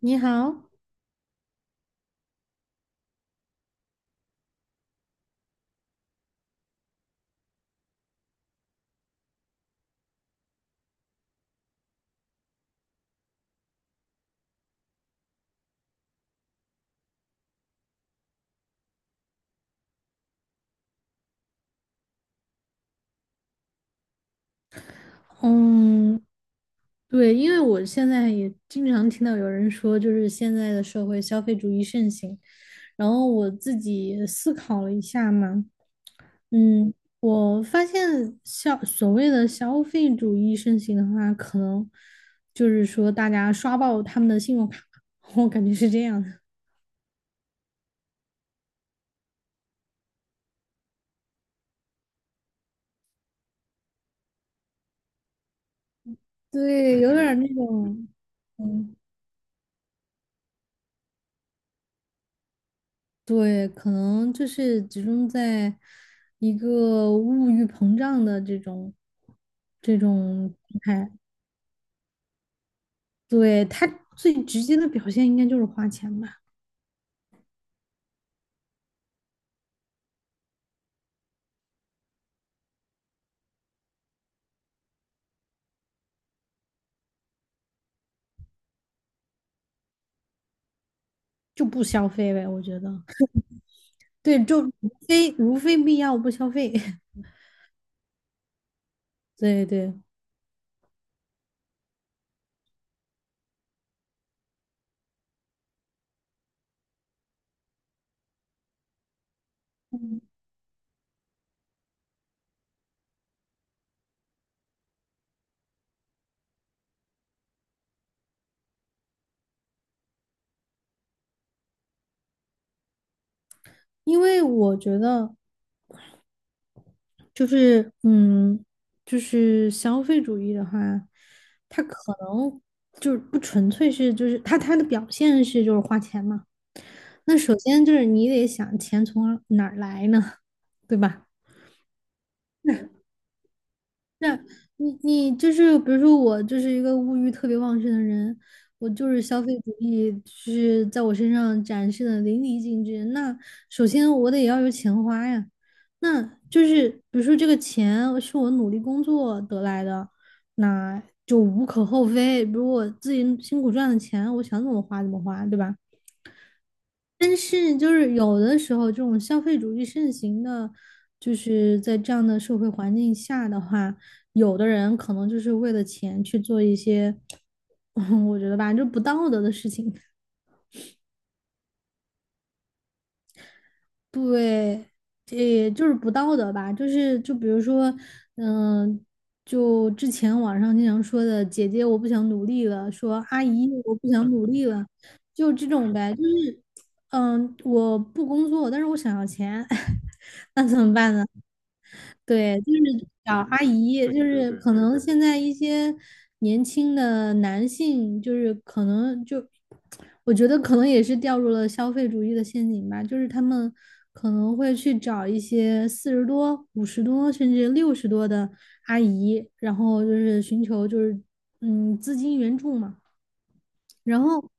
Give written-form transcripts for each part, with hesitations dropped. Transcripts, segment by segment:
你好。嗯，对，因为我现在也经常听到有人说，就是现在的社会消费主义盛行，然后我自己思考了一下嘛。嗯，我发现所谓的消费主义盛行的话，可能就是说大家刷爆他们的信用卡，我感觉是这样的。对，有点儿那种。嗯，对，可能就是集中在一个物欲膨胀的这种状态。对，他最直接的表现应该就是花钱吧。就不消费呗，我觉得。对，就如非如非必要不消费。对对，因为我觉得就是嗯，就是消费主义的话，它可能就是不纯粹是就是它的表现是就是花钱嘛。那首先就是你得想钱从哪儿来呢，对吧？那你就是比如说我就是一个物欲特别旺盛的人，我就是消费主义就是在我身上展示的淋漓尽致。那首先我得要有钱花呀。那就是比如说这个钱是我努力工作得来的，那就无可厚非。比如我自己辛苦赚的钱，我想怎么花怎么花，对吧？但是就是有的时候，这种消费主义盛行的，就是在这样的社会环境下的话，有的人可能就是为了钱去做一些，我觉得吧，就不道德的事情。对，也就是不道德吧，就是就比如说，嗯、就之前网上经常说的"姐姐我不想努力了"，说"阿姨我不想努力了"，就这种呗。就是我不工作，但是我想要钱，那怎么办呢？对，就是找阿姨，对就对是对可对能对现在一些年轻的男性，就是可能就，我觉得可能也是掉入了消费主义的陷阱吧，就是他们可能会去找一些四十多、五十多，甚至六十多的阿姨，然后就是寻求就是资金援助嘛，然后。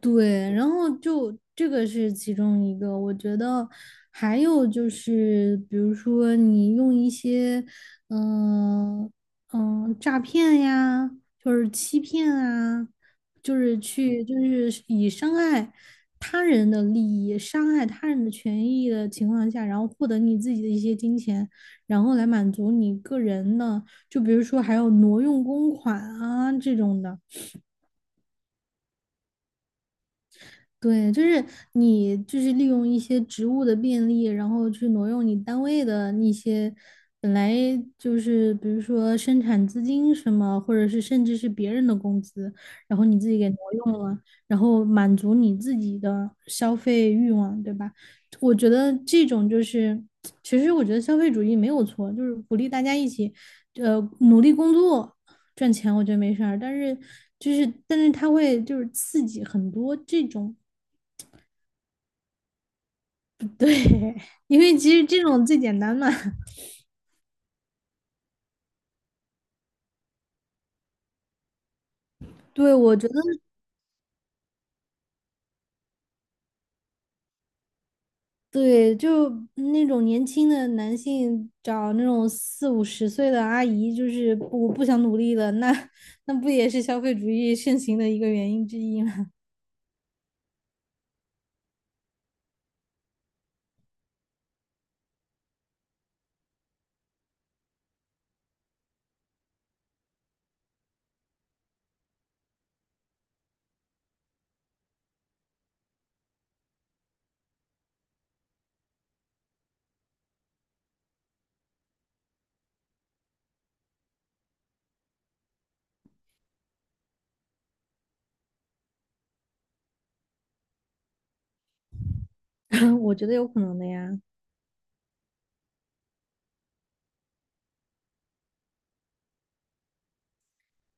对，然后就这个是其中一个，我觉得还有就是，比如说你用一些，嗯、诈骗呀，就是欺骗啊，就是去就是以伤害他人的利益、伤害他人的权益的情况下，然后获得你自己的一些金钱，然后来满足你个人的，就比如说还有挪用公款啊这种的。对，就是你就是利用一些职务的便利，然后去挪用你单位的那些本来就是比如说生产资金什么，或者是甚至是别人的工资，然后你自己给挪用了，然后满足你自己的消费欲望，对吧？我觉得这种就是，其实我觉得消费主义没有错，就是鼓励大家一起，努力工作。赚钱我觉得没事儿，但是但是它会就是刺激很多这种 对，因为其实这种最简单嘛。对，我觉得对，就那种年轻的男性找那种四五十岁的阿姨，就是我不想努力了，那那不也是消费主义盛行的一个原因之一吗？我觉得有可能的呀。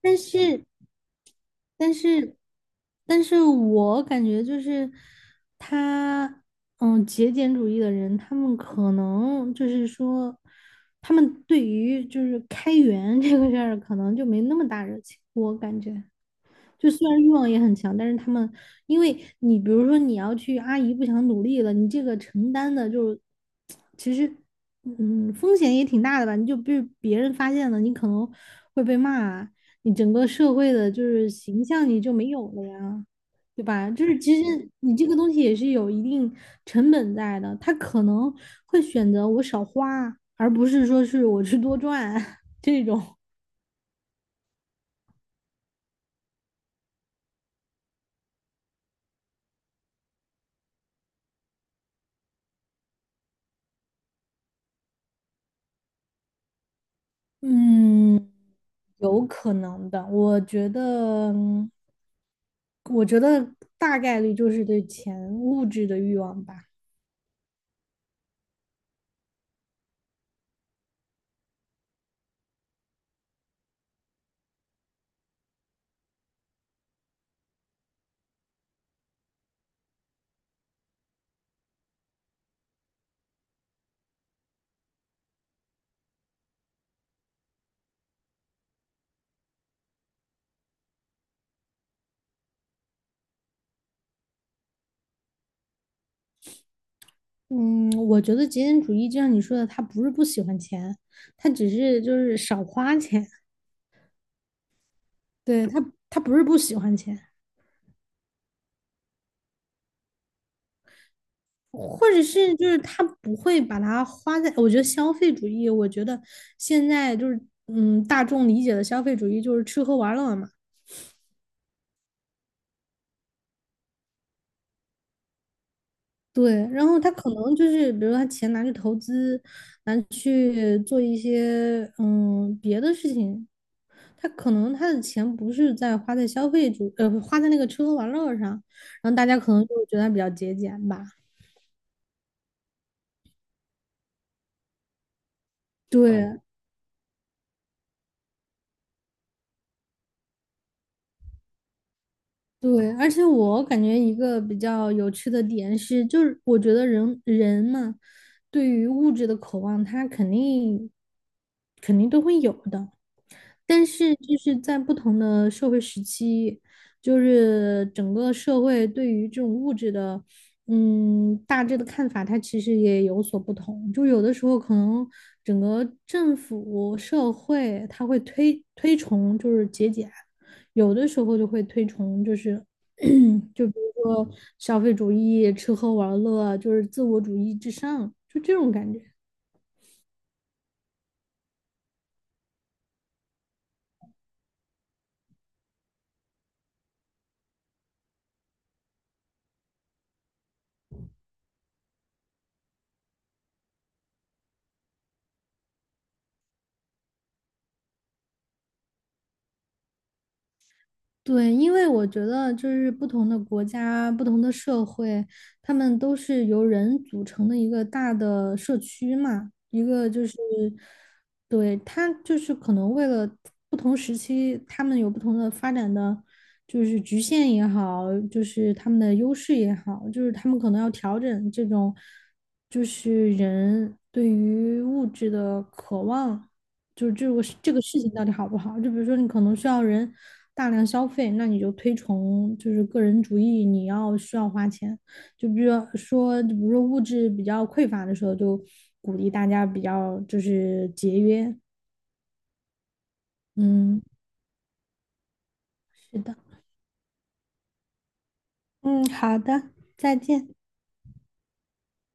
但是但是，但是我感觉就是他，嗯，节俭主义的人，他们可能就是说，他们对于就是开源 这个事儿，可能就没那么大热情，我感觉。就虽然欲望也很强，但是他们，因为你比如说你要去阿姨不想努力了，你这个承担的就是其实，嗯，风险也挺大的吧？你就被别人发现了，你可能会被骂，你整个社会的就是形象你就没有了呀，对吧？就是其实你这个东西也是有一定成本在的，他可能会选择我少花，而不是说是我去多赚 这种。嗯，有可能的。我觉得，我觉得大概率就是对钱物质的欲望吧。嗯，我觉得极简主义就像你说的，他不是不喜欢钱，他只是就是少花钱。对，他，他不是不喜欢钱，或者是就是他不会把它花在。我觉得消费主义，我觉得现在就是嗯，大众理解的消费主义就是吃喝玩乐嘛。对，然后他可能就是，比如他钱拿去投资，拿去做一些别的事情，他可能他的钱不是在花在消费主，花在那个吃喝玩乐上，然后大家可能就觉得他比较节俭吧。对嗯对，而且我感觉一个比较有趣的点是，就是我觉得人人嘛，对于物质的渴望，他肯定都会有的。但是就是在不同的社会时期，就是整个社会对于这种物质的，嗯，大致的看法，它其实也有所不同。就有的时候可能整个政府社会它会推崇就是节俭，有的时候就会推崇就是 就比如说消费主义、吃喝玩乐，就是自我主义至上，就这种感觉。对，因为我觉得就是不同的国家、不同的社会，他们都是由人组成的一个大的社区嘛，一个就是，对，他就是可能为了不同时期，他们有不同的发展的，就是局限也好，就是他们的优势也好，就是他们可能要调整这种，就是人对于物质的渴望。就是这个事情到底好不好？就比如说你可能需要人大量消费，那你就推崇就是个人主义，你要需要花钱。就比如说，比如说物质比较匮乏的时候，就鼓励大家比较就是节约。嗯，是的，嗯，好的，再见。